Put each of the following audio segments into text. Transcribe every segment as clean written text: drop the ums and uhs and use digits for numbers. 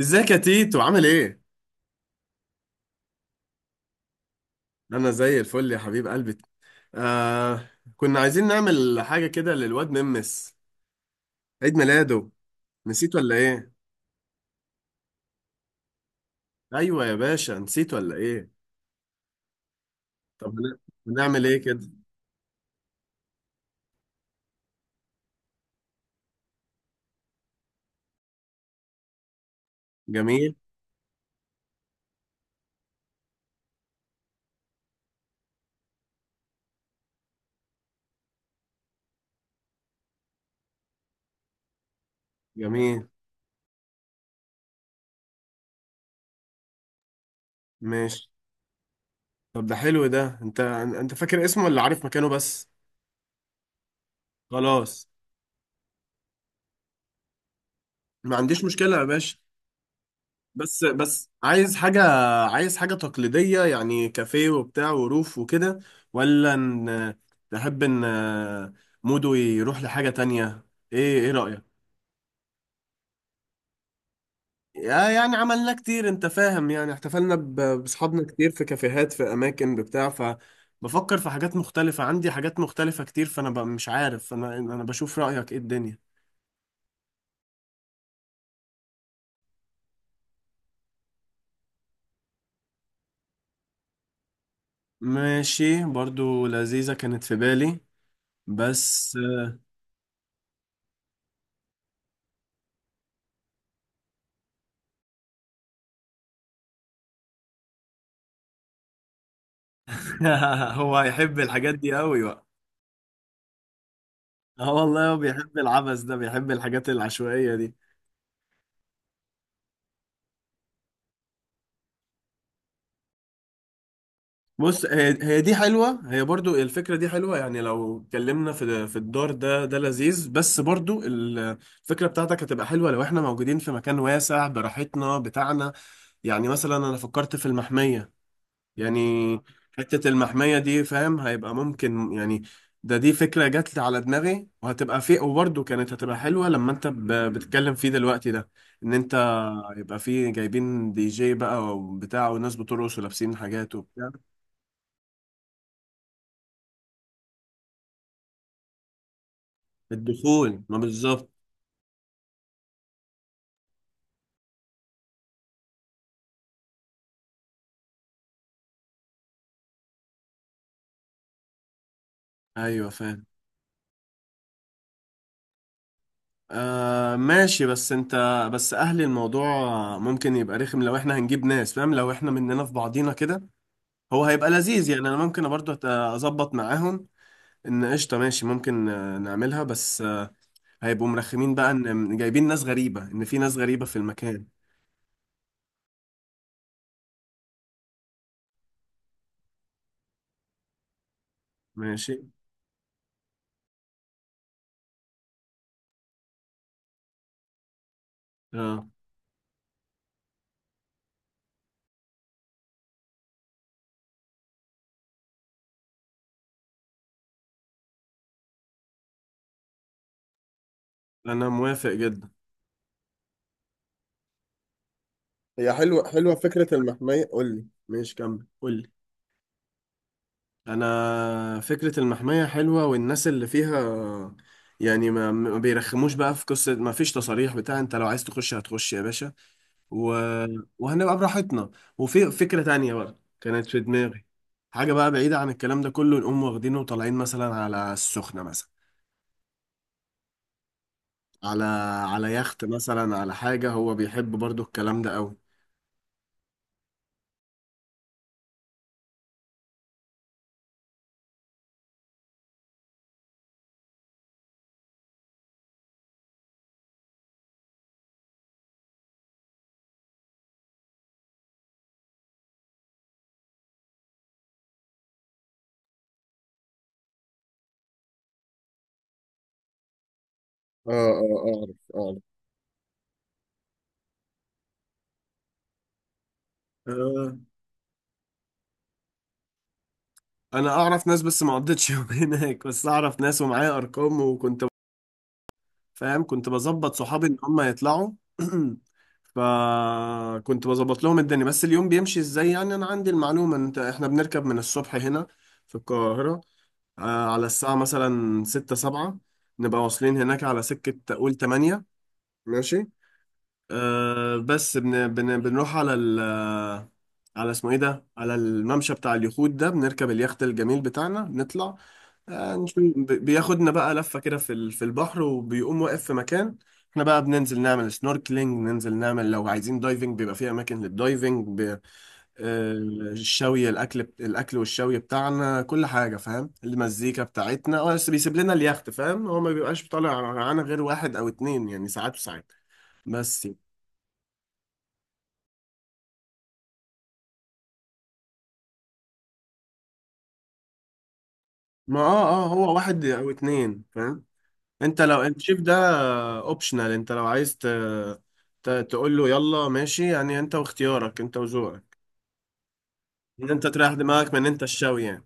ازيك يا تيتو عامل ايه؟ انا زي الفل يا حبيب قلبي. آه كنا عايزين نعمل حاجة كده للواد ممس، عيد ميلاده. نسيت ولا ايه؟ ايوه يا باشا، نسيت ولا ايه؟ طب هنعمل ايه كده؟ جميل جميل ماشي. طب ده حلو. ده انت فاكر اسمه ولا عارف مكانه بس؟ خلاص، ما عنديش مشكلة يا باشا. بس عايز حاجة، عايز حاجة تقليدية، يعني كافيه وبتاع وروف وكده، ولا ان تحب ان مودو يروح لحاجة تانية؟ ايه رأيك؟ يعني عملنا كتير، انت فاهم، يعني احتفلنا بأصحابنا كتير في كافيهات في اماكن بتاع فبفكر في حاجات مختلفة، عندي حاجات مختلفة كتير، فانا مش عارف، انا بشوف رأيك ايه الدنيا. ماشي، برضو لذيذة كانت في بالي بس. هو هيحب الحاجات دي قوي بقى. اه والله، هو بيحب العبث ده، بيحب الحاجات العشوائية دي. بص، هي دي حلوة، هي برضو الفكرة دي حلوة، يعني لو اتكلمنا في الدار ده لذيذ. بس برضو الفكرة بتاعتك هتبقى حلوة لو احنا موجودين في مكان واسع براحتنا بتاعنا، يعني مثلا انا فكرت في المحمية. يعني حتة المحمية دي، فاهم، هيبقى ممكن يعني. ده دي فكرة جات لي على دماغي وهتبقى في، وبرضه كانت هتبقى حلوة لما انت بتتكلم فيه دلوقتي ده، ان انت هيبقى فيه جايبين دي جي بقى وبتاع، والناس بترقص ولابسين حاجات وبتاع. الدخول، ما بالظبط. ايوه فاهم. آه ماشي، بس انت، بس اهل الموضوع ممكن يبقى رخم لو احنا هنجيب ناس، فاهم، لو احنا مننا في بعضينا كده، هو هيبقى لذيذ. يعني انا ممكن برضه اظبط معاهم ان قشطه ماشي، ممكن نعملها، بس هيبقوا مرخمين بقى ان جايبين ناس غريبه، ان في ناس غريبه في المكان. ماشي. اه انا موافق جدا. هي حلوة، حلوة فكرة المحمية. قول لي ماشي، كمل قول لي. انا فكرة المحمية حلوة والناس اللي فيها، يعني ما بيرخموش بقى، في قصة ما فيش تصاريح بتاع، انت لو عايز تخش هتخش يا باشا. و... وهنبقى براحتنا. وفي فكرة تانية بقى كانت في دماغي، حاجة بقى بعيدة عن الكلام ده كله، نقوم واخدينه وطالعين مثلا على السخنة مثلا، على يخت مثلا، على حاجة، هو بيحب برضو الكلام ده قوي. اه اه اعرف اعرف. انا اعرف ناس بس ما قضيتش يوم هناك، بس اعرف ناس ومعايا ارقام، وكنت، فاهم، كنت بظبط صحابي ان هم يطلعوا. فكنت بظبط لهم الدنيا. بس اليوم بيمشي ازاي؟ يعني انا عندي المعلومة ان انت احنا بنركب من الصبح هنا في القاهرة، على الساعة مثلا ستة سبعة، نبقى واصلين هناك على سكة قول تمانية. ماشي. بس بن بن بنروح على ال، على اسمه ايه ده، على الممشى بتاع اليخوت ده. بنركب اليخت الجميل بتاعنا، نطلع، نشوف. بياخدنا بقى لفة كده في في البحر، وبيقوم واقف في مكان، احنا بقى بننزل نعمل سنوركلينج، ننزل نعمل، لو عايزين دايفنج بيبقى في اماكن للدايفنج. آه، الشوي الاكل الاكل والشوي بتاعنا، كل حاجة، فاهم، المزيكا بتاعتنا. اه بس بيسيب لنا اليخت، فاهم، هو ما بيبقاش طالع معانا غير واحد او اتنين، يعني ساعات وساعات بس. ما اه اه هو واحد او اتنين، فاهم، انت لو انت شايف ده اوبشنال، انت لو عايز تقول له يلا ماشي، يعني انت واختيارك انت وذوقك، ان انت تريح دماغك من انت الشوي يعني.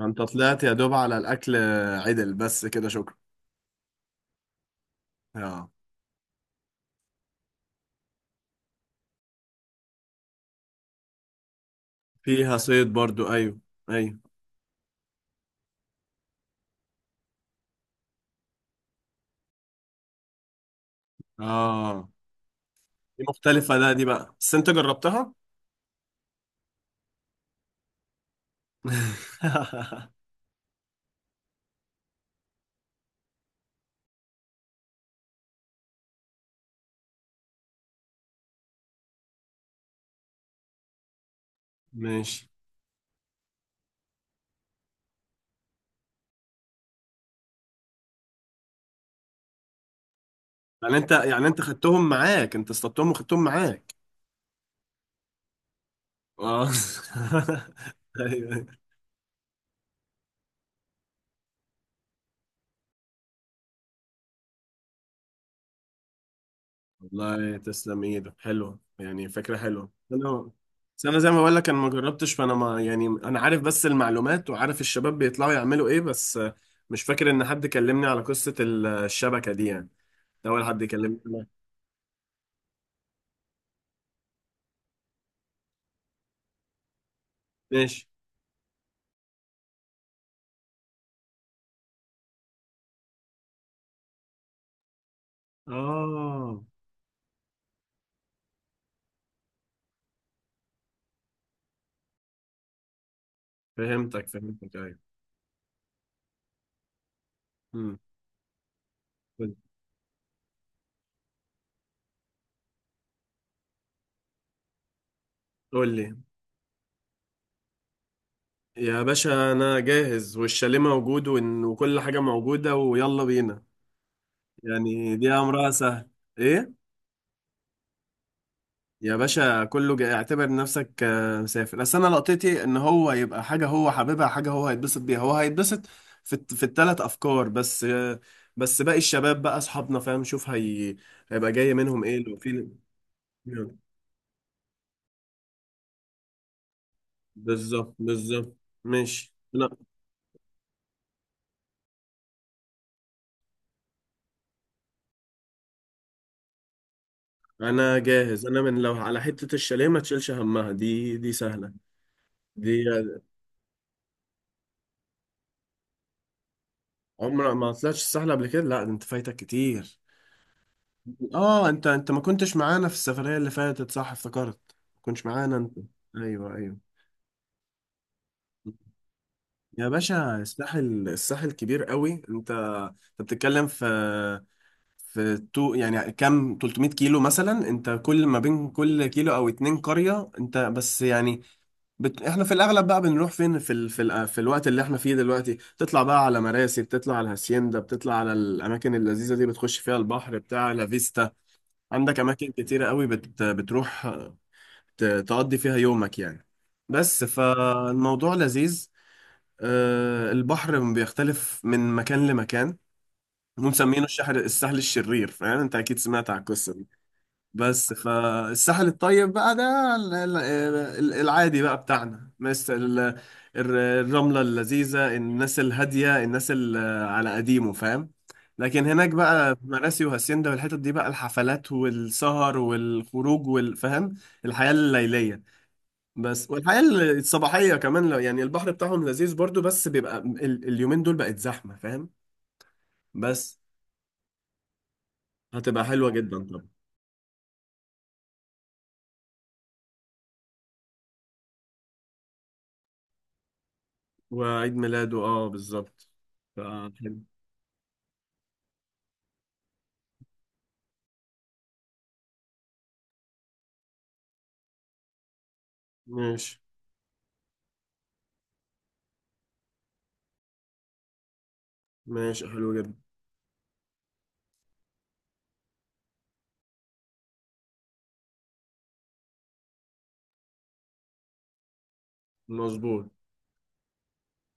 انت طلعت يا دوب على الاكل عدل بس كده، شكرا. اه، فيها صيد برضو. ايوه ايوه اه. دي مختلفة. ده دي بقى بس انت جربتها؟ ماشي. يعني انت، يعني انت خدتهم معاك، انت اصطدتهم وخدتهم معاك. اه ايوه. والله تسلم ايدك، حلوه يعني، فكره حلوه. انا بس، انا زي ما بقول لك، انا ما جربتش، فانا ما يعني، انا عارف بس المعلومات، وعارف الشباب بيطلعوا يعملوا ايه، بس مش فاكر ان حد كلمني على قصه الشبكه دي يعني، ده اول حد يكلمني عنها. ماشي. اه، فهمتك، فهمتك، ايوه. امم. قول، قول لي. يا باشا انا جاهز، والشاليه موجود، وكل حاجه موجوده، ويلا بينا. يعني دي امرها سهل. ايه، يا باشا كله جاي، اعتبر نفسك مسافر، بس انا لقطتي ان هو يبقى حاجه هو حاببها، حاجه هو هيتبسط بيها، هو هيتبسط في في الثلاث افكار بس، بس باقي الشباب بقى اصحابنا، فاهم، شوف هي هيبقى جاي منهم ايه لو في. بالظبط، بالظبط، ماشي. لا انا جاهز، انا من لو على حته الشاليه ما تشيلش همها، دي سهله دي. عمرك ما طلعتش سهله قبل كده؟ لا ده انت فايتك كتير. اه انت ما كنتش معانا في السفرية اللي فاتت، صح افتكرت، ما كنتش معانا انت. ايوه ايوه، يا باشا الساحل، كبير قوي، انت بتتكلم في تو يعني، كام 300 كيلو مثلا، انت كل ما بين كل كيلو او اتنين قرية، انت بس يعني احنا في الاغلب بقى بنروح فين في في, في الوقت اللي احنا فيه دلوقتي، تطلع بقى على مراسي، بتطلع على هاسيندا، بتطلع على الاماكن اللذيذة دي، بتخش فيها البحر بتاع لا فيستا. عندك اماكن كتيرة قوي بتروح تقضي فيها يومك يعني، بس فالموضوع لذيذ. البحر بيختلف من مكان لمكان، ومسمينه الشحر الساحل الشرير، فاهم، انت اكيد سمعت عن القصه دي. بس فالساحل الطيب بقى ده العادي بقى بتاعنا، مثل الرمله اللذيذه، الناس الهاديه، الناس على قديمه، فاهم. لكن هناك بقى في مراسي وهاسيندا والحتت دي بقى الحفلات والسهر والخروج والفهم، الحياه الليليه. بس والحياة الصباحية كمان، لو يعني البحر بتاعهم لذيذ برضو، بس بيبقى اليومين دول بقت زحمة، فاهم بس. هتبقى حلوة جدا طبعا. وعيد ميلاده اه بالظبط. ف- حلو. ماشي ماشي حلو جدا. مظبوط.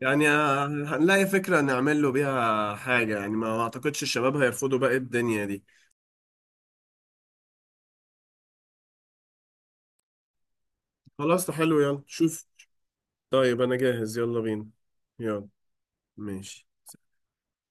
يعني هنلاقي فكرة نعمل له بيها حاجة، يعني ما اعتقدش الشباب هيرفضوا بقى الدنيا دي. خلاص، ده حلو يلا شوف. طيب انا جاهز، يلا بينا. يلا. ماشي